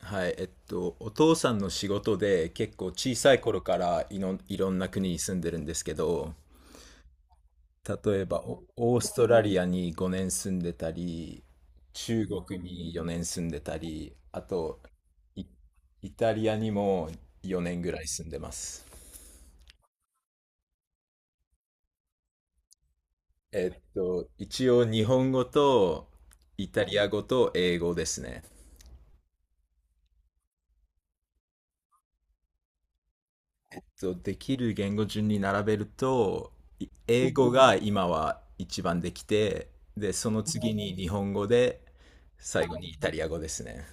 はい、お父さんの仕事で結構小さい頃からいろんな国に住んでるんですけど、例えばオーストラリアに5年住んでたり、中国に4年住んでたり、あとイ、イタリアにも4年ぐらい住んでます。えっと、一応日本語とイタリア語と英語ですね。そうできる言語順に並べると英語が今は一番できて、でその次に日本語で、最後にイタリア語ですね。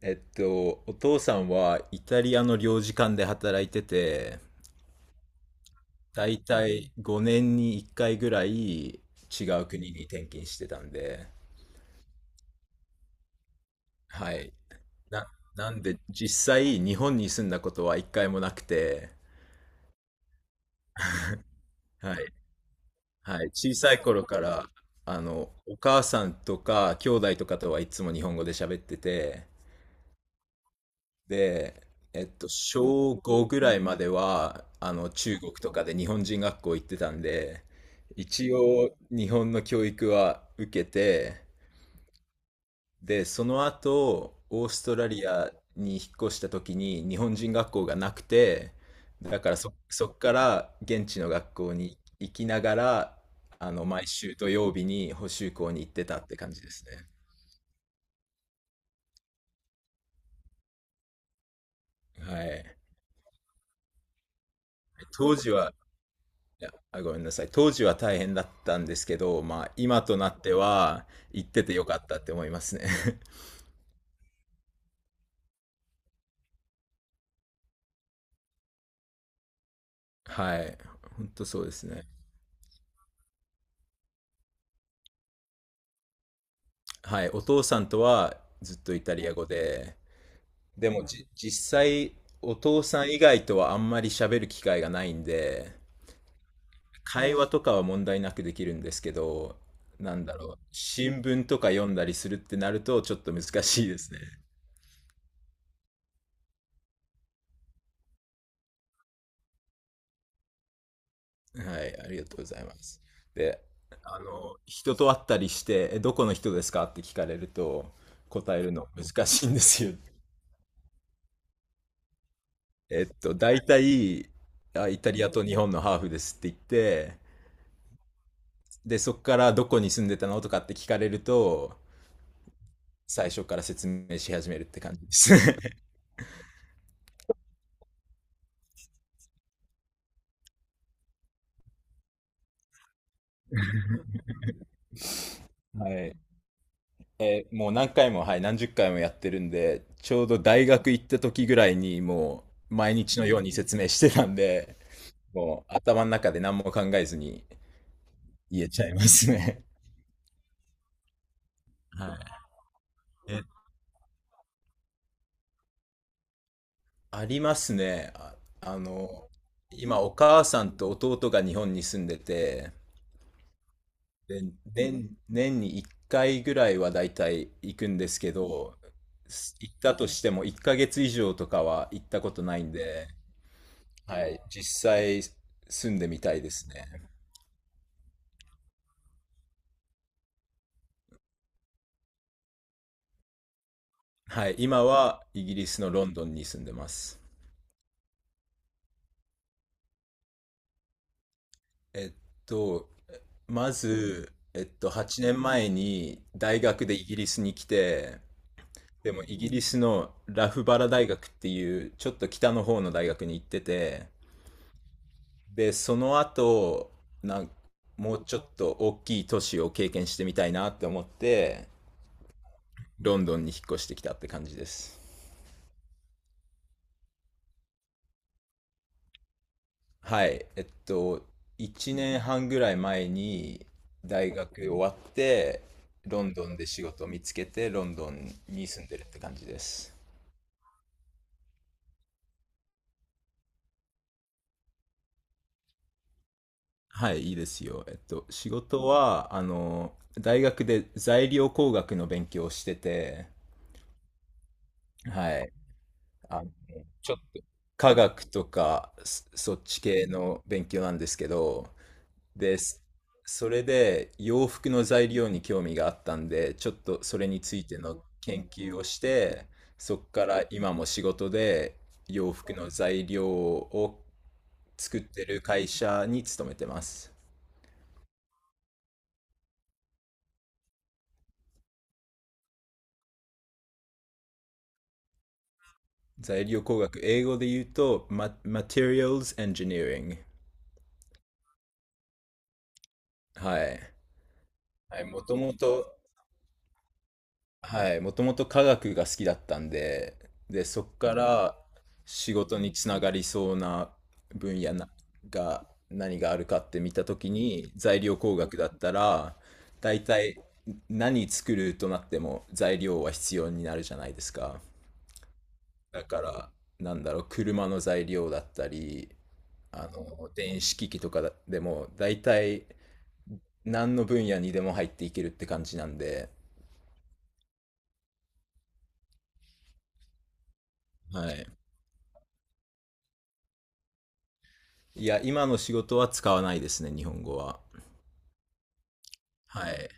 えっと、お父さんはイタリアの領事館で働いてて、だいたい5年に1回ぐらい違う国に転勤してたんで、はいな、なんで実際日本に住んだことは1回もなくて。はい、はい、小さい頃から、あの、お母さんとか兄弟とかとはいつも日本語で喋ってて、で、えっと、小5ぐらいまでは、あの、中国とかで日本人学校行ってたんで、一応日本の教育は受けて、で、その後、オーストラリアに引っ越した時に日本人学校がなくて、だからそっから現地の学校に行きながら、あの、毎週土曜日に補習校に行ってたって感じですね。はい。当時は、いや、あ、ごめんなさい。当時は大変だったんですけど、まあ、今となっては行っててよかったって思いますね。はい。本当そうですね。はい。お父さんとはずっとイタリア語で、でもじ、実際、お父さん以外とはあんまり喋る機会がないんで、会話とかは問題なくできるんですけど、なんだろう、新聞とか読んだりするってなると、ちょっと難しいですね。はい、ありがとうございます。で、あの、人と会ったりして、え、どこの人ですかって聞かれると、答えるの難しいんですよ。えっと、大体、あ、イタリアと日本のハーフですって言って、で、そこからどこに住んでたのとかって聞かれると、最初から説明し始めるって感じです。はい。えー、もう何回も、はい、何十回もやってるんで、ちょうど大学行った時ぐらいにもう毎日のように説明してたんで、もう頭の中で何も考えずに言えちゃいますね。はい。え、ありますね。あ、あの、今お母さんと弟が日本に住んでて、で、年に1回ぐらいはだいたい行くんですけど、行ったとしても1ヶ月以上とかは行ったことないんで、はい、実際住んでみたいですね。はい、今はイギリスのロンドンに住んでます。えっと、まず、8年前に大学でイギリスに来て、でもイギリスのラフバラ大学っていうちょっと北の方の大学に行ってて、で、その後、なんもうちょっと大きい都市を経験してみたいなって思って、ロンドンに引っ越してきたって感じです。はい。えっと、1年半ぐらい前に大学終わって、ロンドンで仕事を見つけて、ロンドンに住んでるって感じです。はい、いいですよ。えっと、仕事は、あの、大学で材料工学の勉強をしてて、はい。あ科学とかそっち系の勉強なんですけど、で、それで洋服の材料に興味があったんで、ちょっとそれについての研究をして、そこから今も仕事で洋服の材料を作ってる会社に勤めてます。材料工学、英語で言うと、Materials Engineering。はい。はい、もともと、はい、もともと科学が好きだったんで、で、そこから仕事につながりそうな分野なが何があるかって見たときに、材料工学だったら、大体何作るとなっても材料は必要になるじゃないですか。だから、なんだろう、車の材料だったり、あの、電子機器とかでも、大体何の分野にでも入っていけるって感じなんで、はい。いや、今の仕事は使わないですね、日本語は。はい。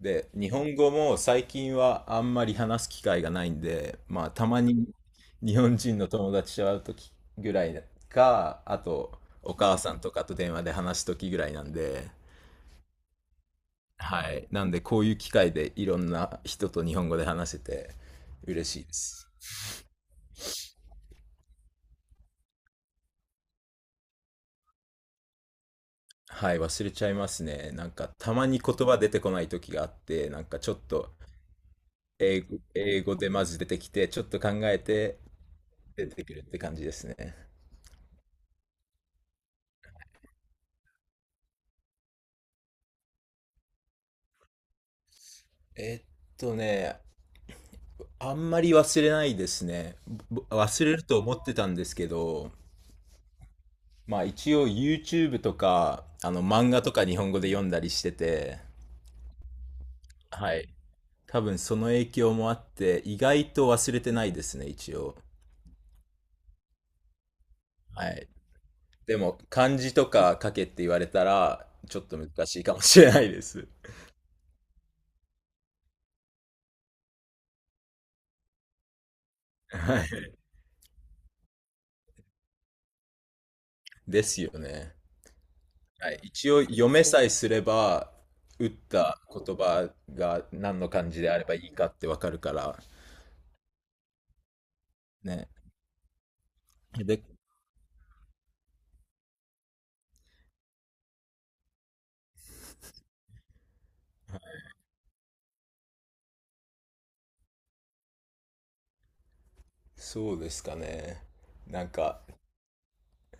で、日本語も最近はあんまり話す機会がないんで、まあ、たまに日本人の友達と会う時ぐらいか、あと、お母さんとかと電話で話す時ぐらいなんで、はい。なんで、こういう機会でいろんな人と日本語で話せて嬉しいです。はい、忘れちゃいますね。なんか、たまに言葉出てこない時があって、なんかちょっと英語でまず出てきて、ちょっと考えて、出てくるって感じですね。えっとね、あんまり忘れないですね。忘れると思ってたんですけど、まあ一応 YouTube とか、あの漫画とか日本語で読んだりしてて、はい。多分その影響もあって、意外と忘れてないですね、一応。はい。でも漢字とか書けって言われたら、ちょっと難しいかもしれないです。はい。ですよね。はい、一応読めさえすれば打った言葉が何の漢字であればいいかってわかるからね。で、そうですかね。なんか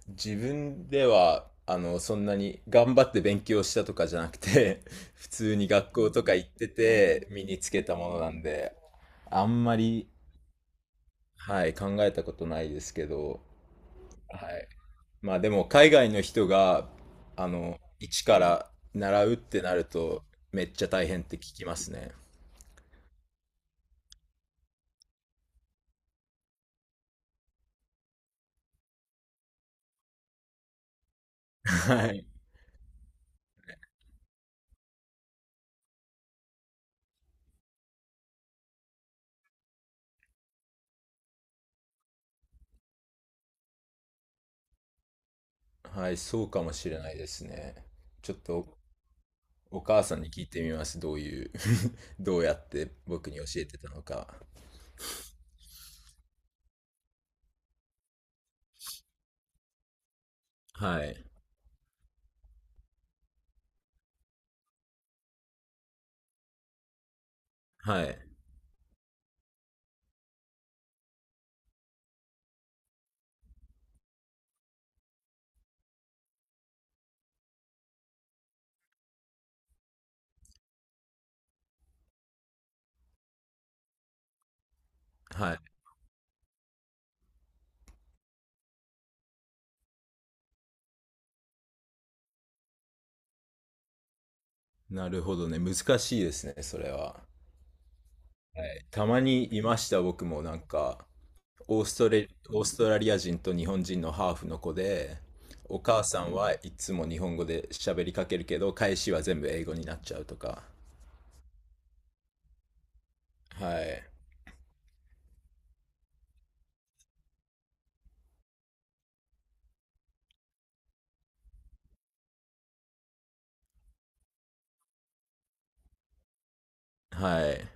自分ではあのそんなに頑張って勉強したとかじゃなくて 普通に学校とか行ってて身につけたものなんであんまり、はい、考えたことないですけど、はい、まあでも海外の人があの一から習うってなるとめっちゃ大変って聞きますね。はい。はい、そうかもしれないですね。ちょっとお母さんに聞いてみます。どういう どうやって僕に教えてたのか。はい。はい。はい。なるほどね。難しいですね、それは。たまにいました、僕もなんか、オーストラリア人と日本人のハーフの子で、お母さんはいつも日本語で喋りかけるけど、返しは全部英語になっちゃうとか。はい。はい。